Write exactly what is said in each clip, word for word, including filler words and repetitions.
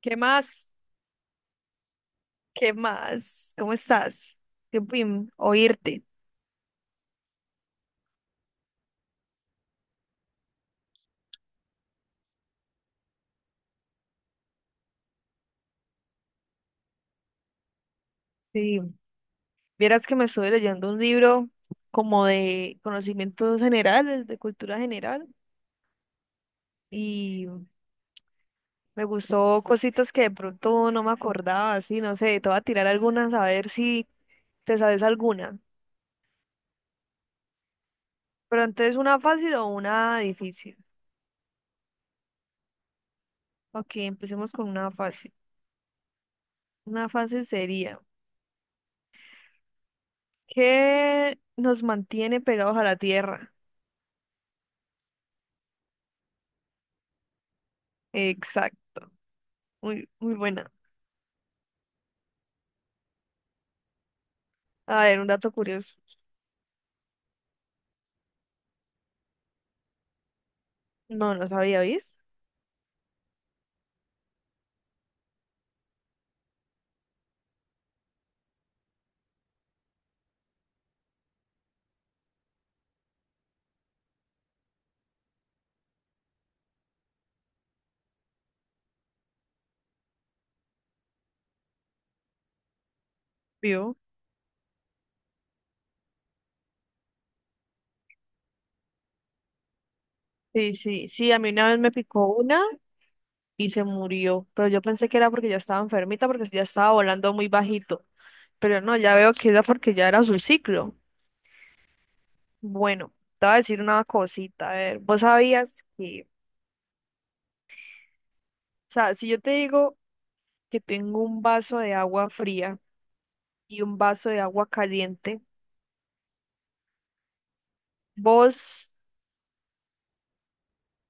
¿Qué más? ¿Qué más? ¿Cómo estás? Qué pim, oírte. Sí, vieras que me estoy leyendo un libro como de conocimientos generales, de cultura general, y me gustó cositas que de pronto no me acordaba, así, no sé, te voy a tirar algunas a ver si te sabes alguna. Pero entonces, ¿una fácil o una difícil? Ok, empecemos con una fácil. Una fácil sería, ¿qué nos mantiene pegados a la tierra? Exacto. Muy, muy buena. A ver, un dato curioso. No, no sabía, ¿viste? ¿Vio? Sí, sí, sí, a mí una vez me picó una y se murió, pero yo pensé que era porque ya estaba enfermita, porque ya estaba volando muy bajito, pero no, ya veo que era porque ya era su ciclo. Bueno, te voy a decir una cosita, a ver, vos sabías que, o sea, si yo te digo que tengo un vaso de agua fría y un vaso de agua caliente, vos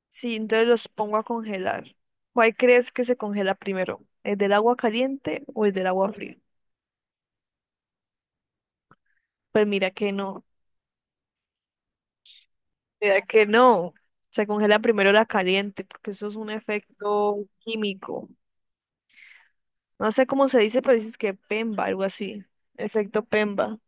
sí, entonces los pongo a congelar. ¿Cuál crees que se congela primero? ¿El del agua caliente o el del agua fría? Pues mira que no, mira que no. Se congela primero la caliente porque eso es un efecto químico. No sé cómo se dice, pero dices que PEMBA, algo así. Efecto PEMBA.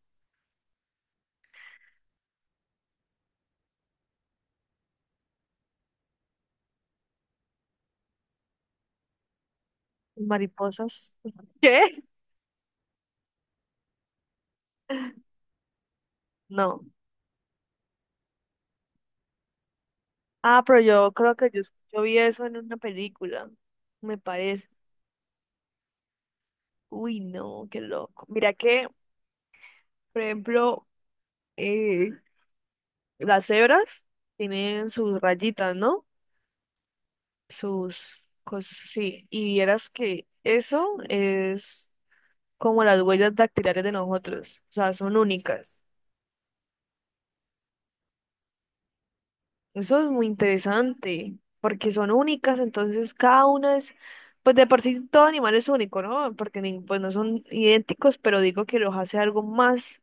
Mariposas. ¿Qué? No. Ah, pero yo creo que yo, yo vi eso en una película, me parece. Uy, no, qué loco. Mira que, por ejemplo, eh, las cebras tienen sus rayitas, ¿no? Sus cosas, sí. Y vieras que eso es como las huellas dactilares de nosotros. O sea, son únicas. Eso es muy interesante, porque son únicas, entonces cada una es, pues de por sí todo animal es único, ¿no? Porque ni- pues no son idénticos, pero digo que los hace algo más,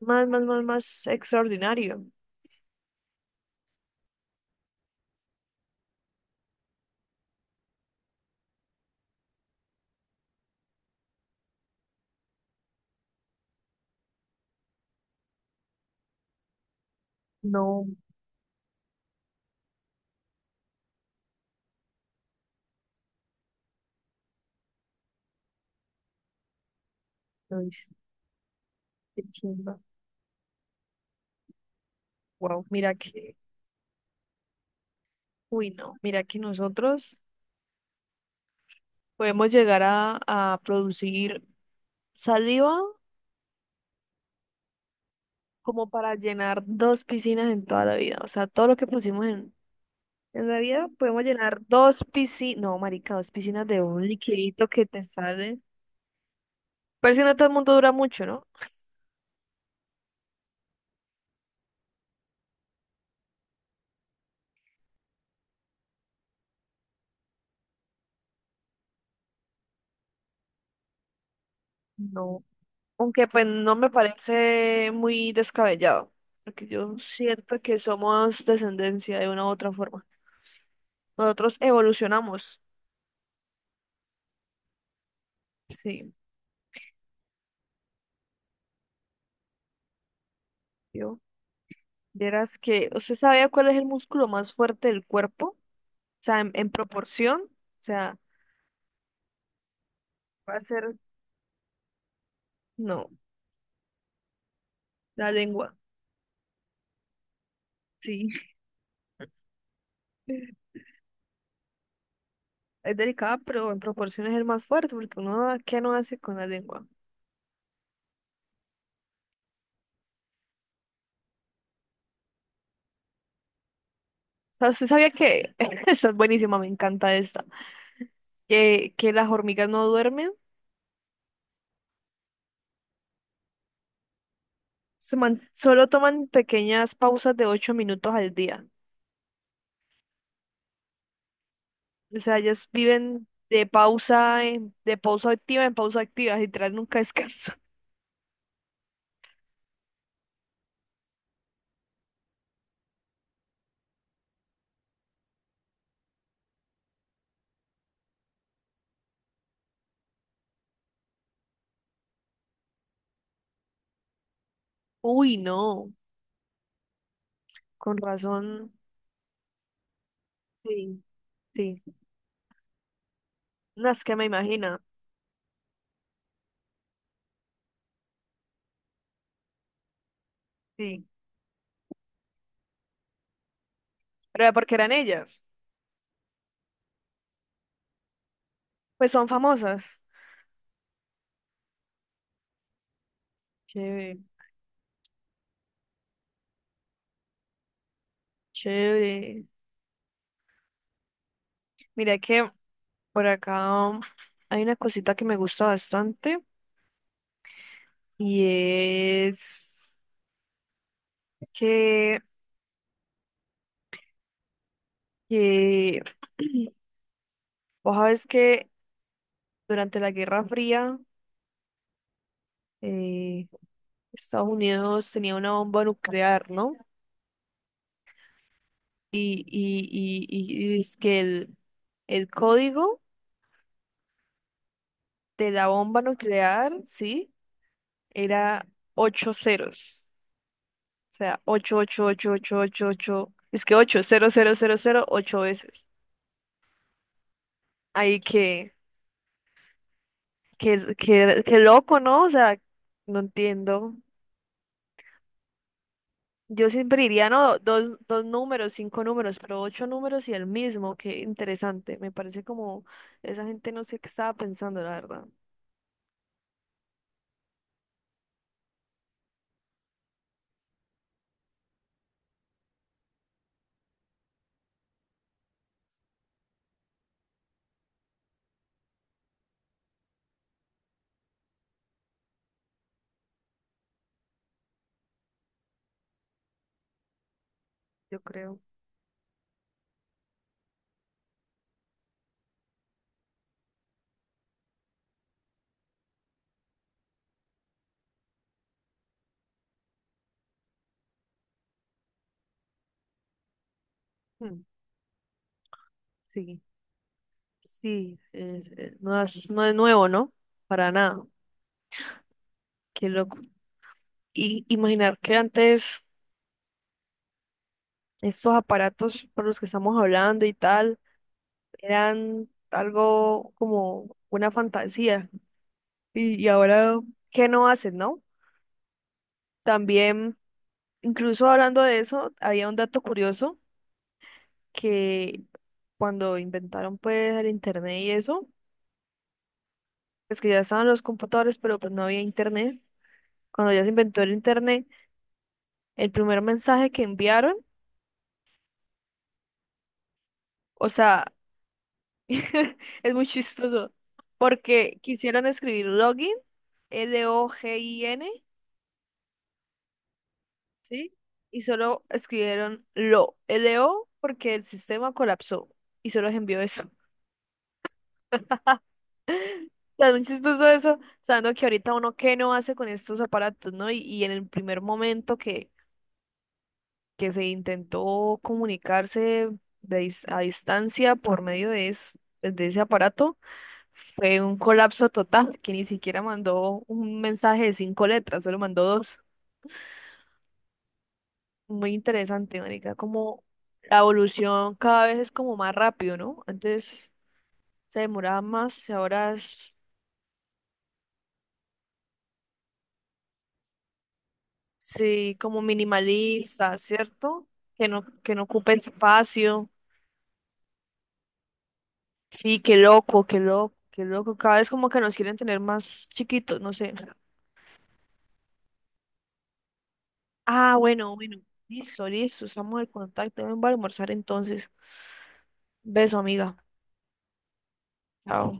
más, más, más, más extraordinario. No, no es qué chimba. Wow, mira que uy, no, mira que nosotros podemos llegar a, a producir saliva como para llenar dos piscinas en toda la vida. O sea, todo lo que pusimos en, en la vida podemos llenar dos piscinas, no, marica, dos piscinas de un liquidito que te sale. Pero si no todo el mundo dura mucho, ¿no? No, aunque pues no me parece muy descabellado, porque yo siento que somos descendencia de una u otra forma. Nosotros evolucionamos, sí. Yo vieras que, ¿usted sabía cuál es el músculo más fuerte del cuerpo? O sea, en, en proporción, o sea, va a ser, no, la lengua, sí. Es delicada, pero en proporción es el más fuerte, porque uno, ¿qué no hace con la lengua? O sea, ¿usted sabía que, esta es buenísima, me encanta esta, que, que las hormigas no duermen, se man- solo toman pequeñas pausas de ocho minutos al día. O sea, ellas viven de pausa, en- de pausa activa en pausa activa, literal, nunca descansan. Uy, no. Con razón, sí, sí. No, es que me imagino, sí. ¿Pero porque eran ellas? Pues son famosas. Chévere, chévere. Mira que por acá um, hay una cosita que me gusta bastante y es que, que vos sabes que durante la Guerra Fría eh, Estados Unidos tenía una bomba nuclear, ¿no? Y, y, y, y, y es que el, el código de la bomba nuclear, sí, era ocho ceros. O sea, ocho, ocho, ocho, ocho, ocho, ocho. Es que ocho, cero, cero, cero, cero, ocho veces. Ahí que, que, que, que loco, ¿no? O sea, no entiendo. Yo siempre diría, no, dos, dos números, cinco números, pero ocho números y el mismo. Qué interesante. Me parece como esa gente no sé qué estaba pensando, la verdad. Yo creo. Hmm, sí, sí, es- es- no es, no es nuevo, ¿no? Para nada. Qué loco. Y imaginar que antes estos aparatos por los que estamos hablando y tal eran algo como una fantasía. Y, y ahora, ¿qué no hacen, no? También, incluso hablando de eso, había un dato curioso que cuando inventaron pues el internet y eso, pues que ya estaban los computadores, pero pues no había internet. Cuando ya se inventó el internet, el primer mensaje que enviaron, o sea, es muy chistoso. Porque quisieron escribir login, L O G I N, ¿sí? Y solo escribieron lo, L O, porque el sistema colapsó. Y solo les envió eso. O sea, es muy chistoso eso, sabiendo que ahorita uno qué no hace con estos aparatos, ¿no? Y, y en el primer momento que, que se intentó comunicarse de dis- a distancia por medio de, es- de ese aparato, fue un colapso total, que ni siquiera mandó un mensaje de cinco letras, solo mandó dos. Muy interesante, marica, como la evolución cada vez es como más rápido, ¿no? Antes se demoraba más y ahora es, sí, como minimalista, ¿cierto? Que no, que no ocupe espacio. Sí, qué loco, qué loco, qué loco. Cada vez como que nos quieren tener más chiquitos, no sé. Ah, bueno, bueno. Listo, listo, estamos en contacto. Ven, voy a almorzar entonces. Beso, amiga. Chao.